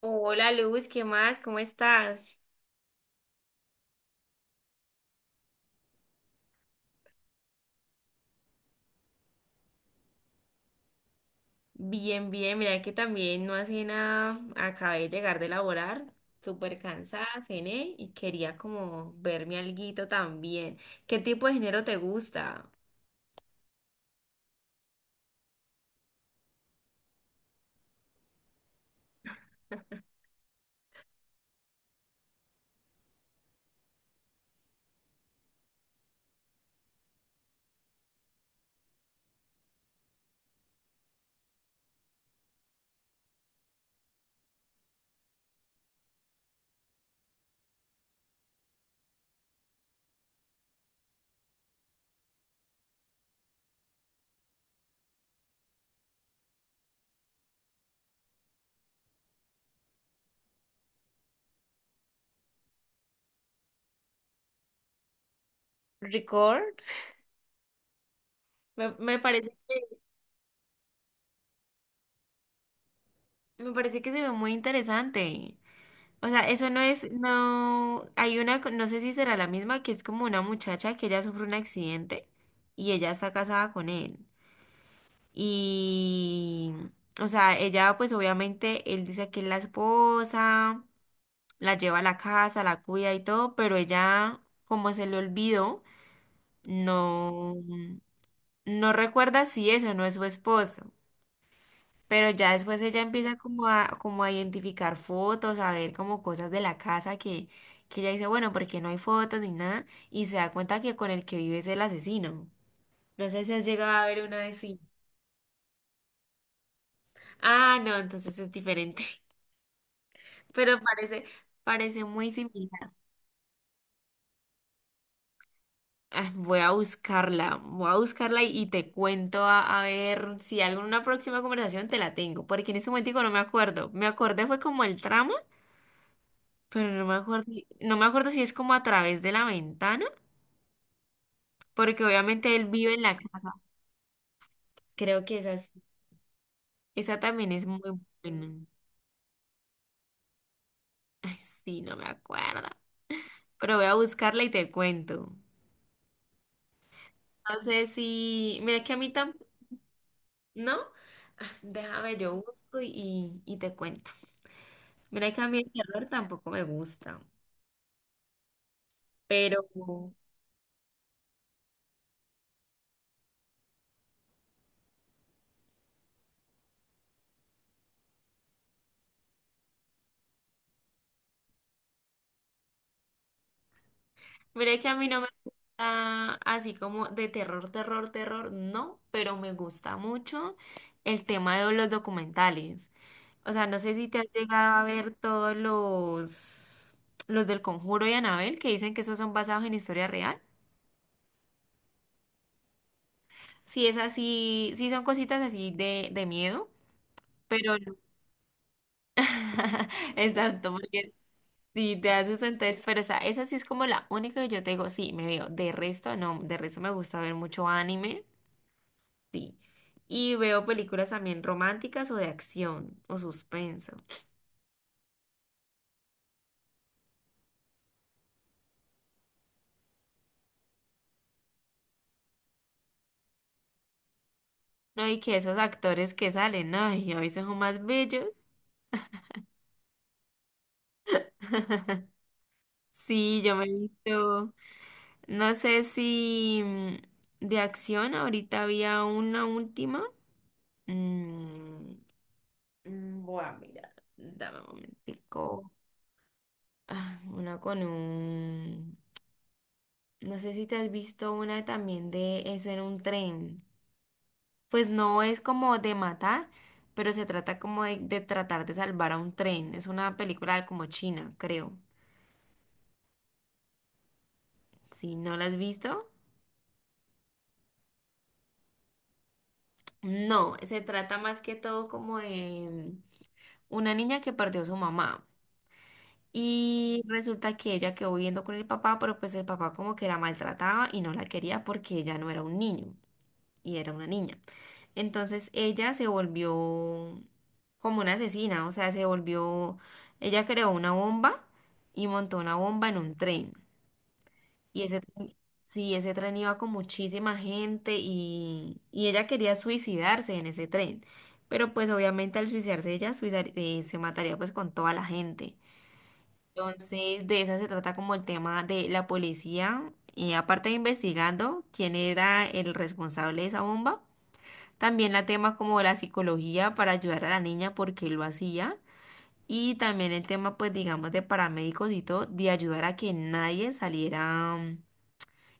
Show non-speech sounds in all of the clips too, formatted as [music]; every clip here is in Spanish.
Hola Luz, ¿qué más? ¿Cómo estás? Bien, bien, mira que también no hace nada, acabé de llegar de laborar, súper cansada, cené y quería como verme alguito también. ¿Qué tipo de género te gusta? ¿Record? Me parece que se ve muy interesante. O sea, eso no es, no, hay una, no sé si será la misma, que es como una muchacha que ella sufre un accidente y ella está casada con él. Y, o sea, ella pues obviamente, él dice que es la esposa, la lleva a la casa, la cuida y todo, pero ella, como se le olvidó, no, no recuerda si eso no es su esposo. Pero ya después ella empieza como a identificar fotos, a ver como cosas de la casa que ella dice, bueno, porque no hay fotos ni nada, y se da cuenta que con el que vive es el asesino. No sé si has llegado a ver una de sí. Ah, no, entonces es diferente. Pero parece muy similar. Ah, voy a buscarla y te cuento a ver si alguna próxima conversación te la tengo, porque en ese momento no me acuerdo. Me acordé fue como el tramo, pero no me acuerdo si es como a través de la ventana, porque obviamente él vive en la casa. Creo que esa, esa también es muy buena. Ay, sí, no me acuerdo, pero voy a buscarla y te cuento. No sé si, mira que a mí tampoco. ¿No? Ah, déjame, yo busco y te cuento. Mira que a mí el terror tampoco me gusta, pero mira que a mí no me gusta así como de terror, terror, terror, no, pero me gusta mucho el tema de los documentales. O sea, no sé si te has llegado a ver todos los del Conjuro y Anabel que dicen que esos son basados en historia real. Si es así, sí son cositas así de miedo, pero no. [laughs] Exacto, porque sí, te haces entonces, pero o sea, esa sí es como la única que yo te digo, sí, me veo. De resto, no, de resto me gusta ver mucho anime, sí. Y veo películas también románticas o de acción o suspenso. No, y que esos actores que salen, no, y a veces son más bellos. [laughs] Sí, yo me he visto, no sé si de acción, ahorita había una última. Mm, Voy a mirar, dame un momentico. Ah, una con un... No sé si te has visto una también de eso en un tren. Pues no es como de matar, pero se trata como de tratar de salvar a un tren. Es una película como china, creo. Si no la has visto, no, se trata más que todo como de una niña que perdió a su mamá. Y resulta que ella quedó viviendo con el papá, pero pues el papá como que la maltrataba y no la quería porque ella no era un niño. Y era una niña. Entonces ella se volvió como una asesina, o sea, se volvió, ella creó una bomba y montó una bomba en un tren. Y ese tren, sí, ese tren iba con muchísima gente y ella quería suicidarse en ese tren. Pero pues obviamente al suicidarse ella se mataría pues con toda la gente. Entonces, de esa se trata como el tema de la policía, aparte de investigando quién era el responsable de esa bomba, también la tema como de la psicología para ayudar a la niña porque lo hacía. Y también el tema, pues digamos, de paramédicos y todo, de ayudar a que nadie saliera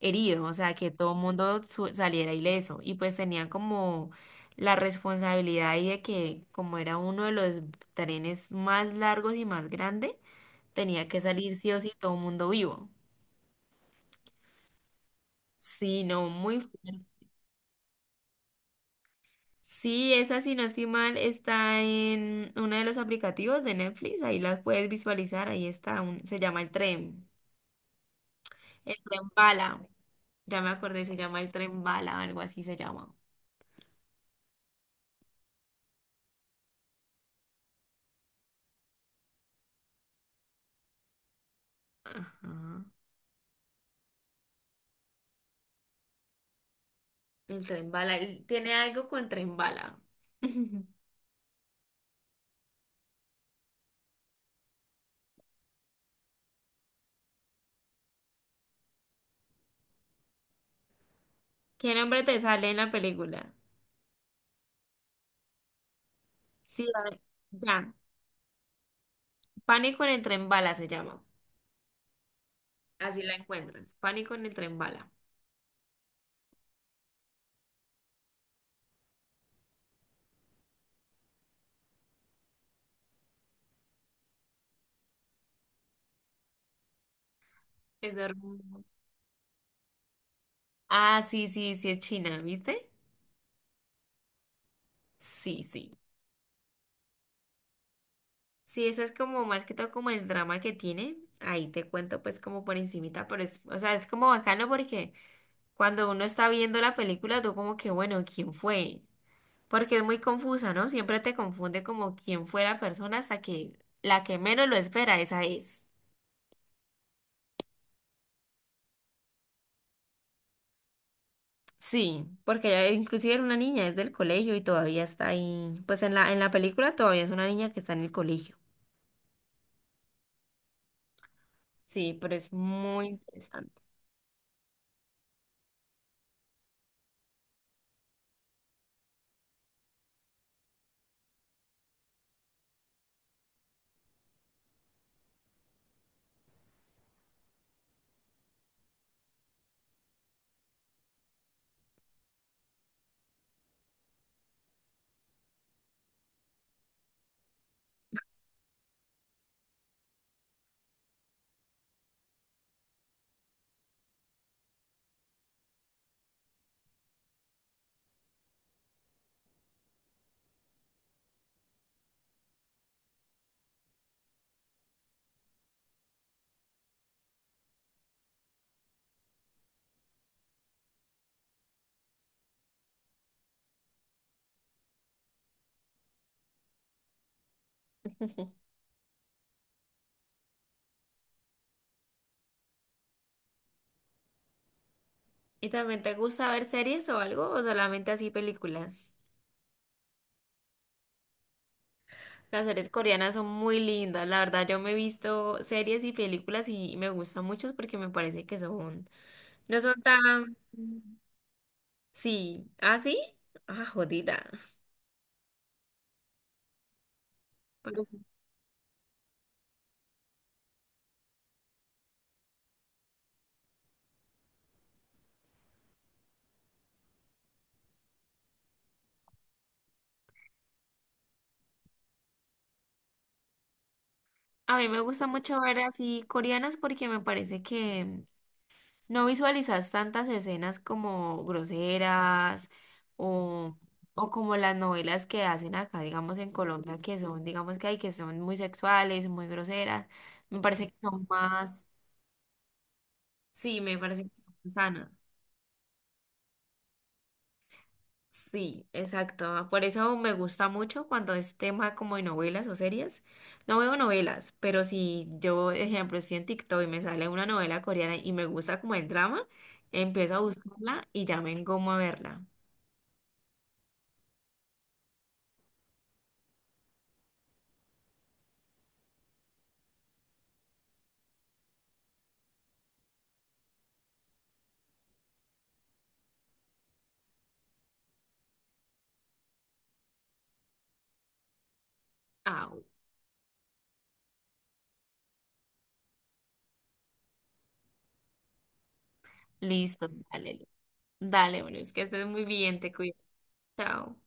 herido, o sea, que todo el mundo saliera ileso. Y pues tenían como la responsabilidad ahí de que como era uno de los trenes más largos y más grande, tenía que salir sí o sí todo el mundo vivo. Sí, no, muy fuerte. Sí, esa, si no estoy mal, está en uno de los aplicativos de Netflix. Ahí las puedes visualizar. Ahí está. Se llama el tren. El tren bala. Ya me acordé, se llama el tren bala, algo así se llama. Ajá. El tren bala. Él tiene algo con tren bala. [laughs] ¿Qué nombre te sale en la película? Sí, a ver, ya. Pánico en el tren bala se llama. Así la encuentras. Pánico en el tren bala. Es de... Ah, sí, sí, sí, es China, ¿viste? Sí, sí. Sí, eso es como más que todo como el drama que tiene. Ahí te cuento pues como por encimita, pero es, o sea, es como bacano porque cuando uno está viendo la película, tú como que, bueno, ¿quién fue? Porque es muy confusa, ¿no? Siempre te confunde como quién fue la persona hasta que la que menos lo espera, esa es. Sí, porque ella inclusive era una niña, es del colegio y todavía está ahí. Pues en la película todavía es una niña que está en el colegio. Sí, pero es muy interesante. [laughs] ¿Y también te gusta ver series o algo o solamente así películas? Las series coreanas son muy lindas, la verdad yo me he visto series y películas y me gustan muchas porque me parece que son, no son tan, sí, ¿ah, sí? Ah, jodida. Pero sí. A mí me gusta mucho ver así coreanas porque me parece que no visualizas tantas escenas como groseras o, o como las novelas que hacen acá, digamos en Colombia, que son, digamos que hay que son muy sexuales, muy groseras. Me parece que son más. Sí, me parece que son sanas. Sí, exacto. Por eso me gusta mucho cuando es tema como de novelas o series. No veo novelas, pero si yo, ejemplo, estoy en TikTok y me sale una novela coreana y me gusta como el drama, empiezo a buscarla y ya me engomo a verla. Ah, listo, dale. Dale, bueno, es que estés muy bien, te cuido. Chao.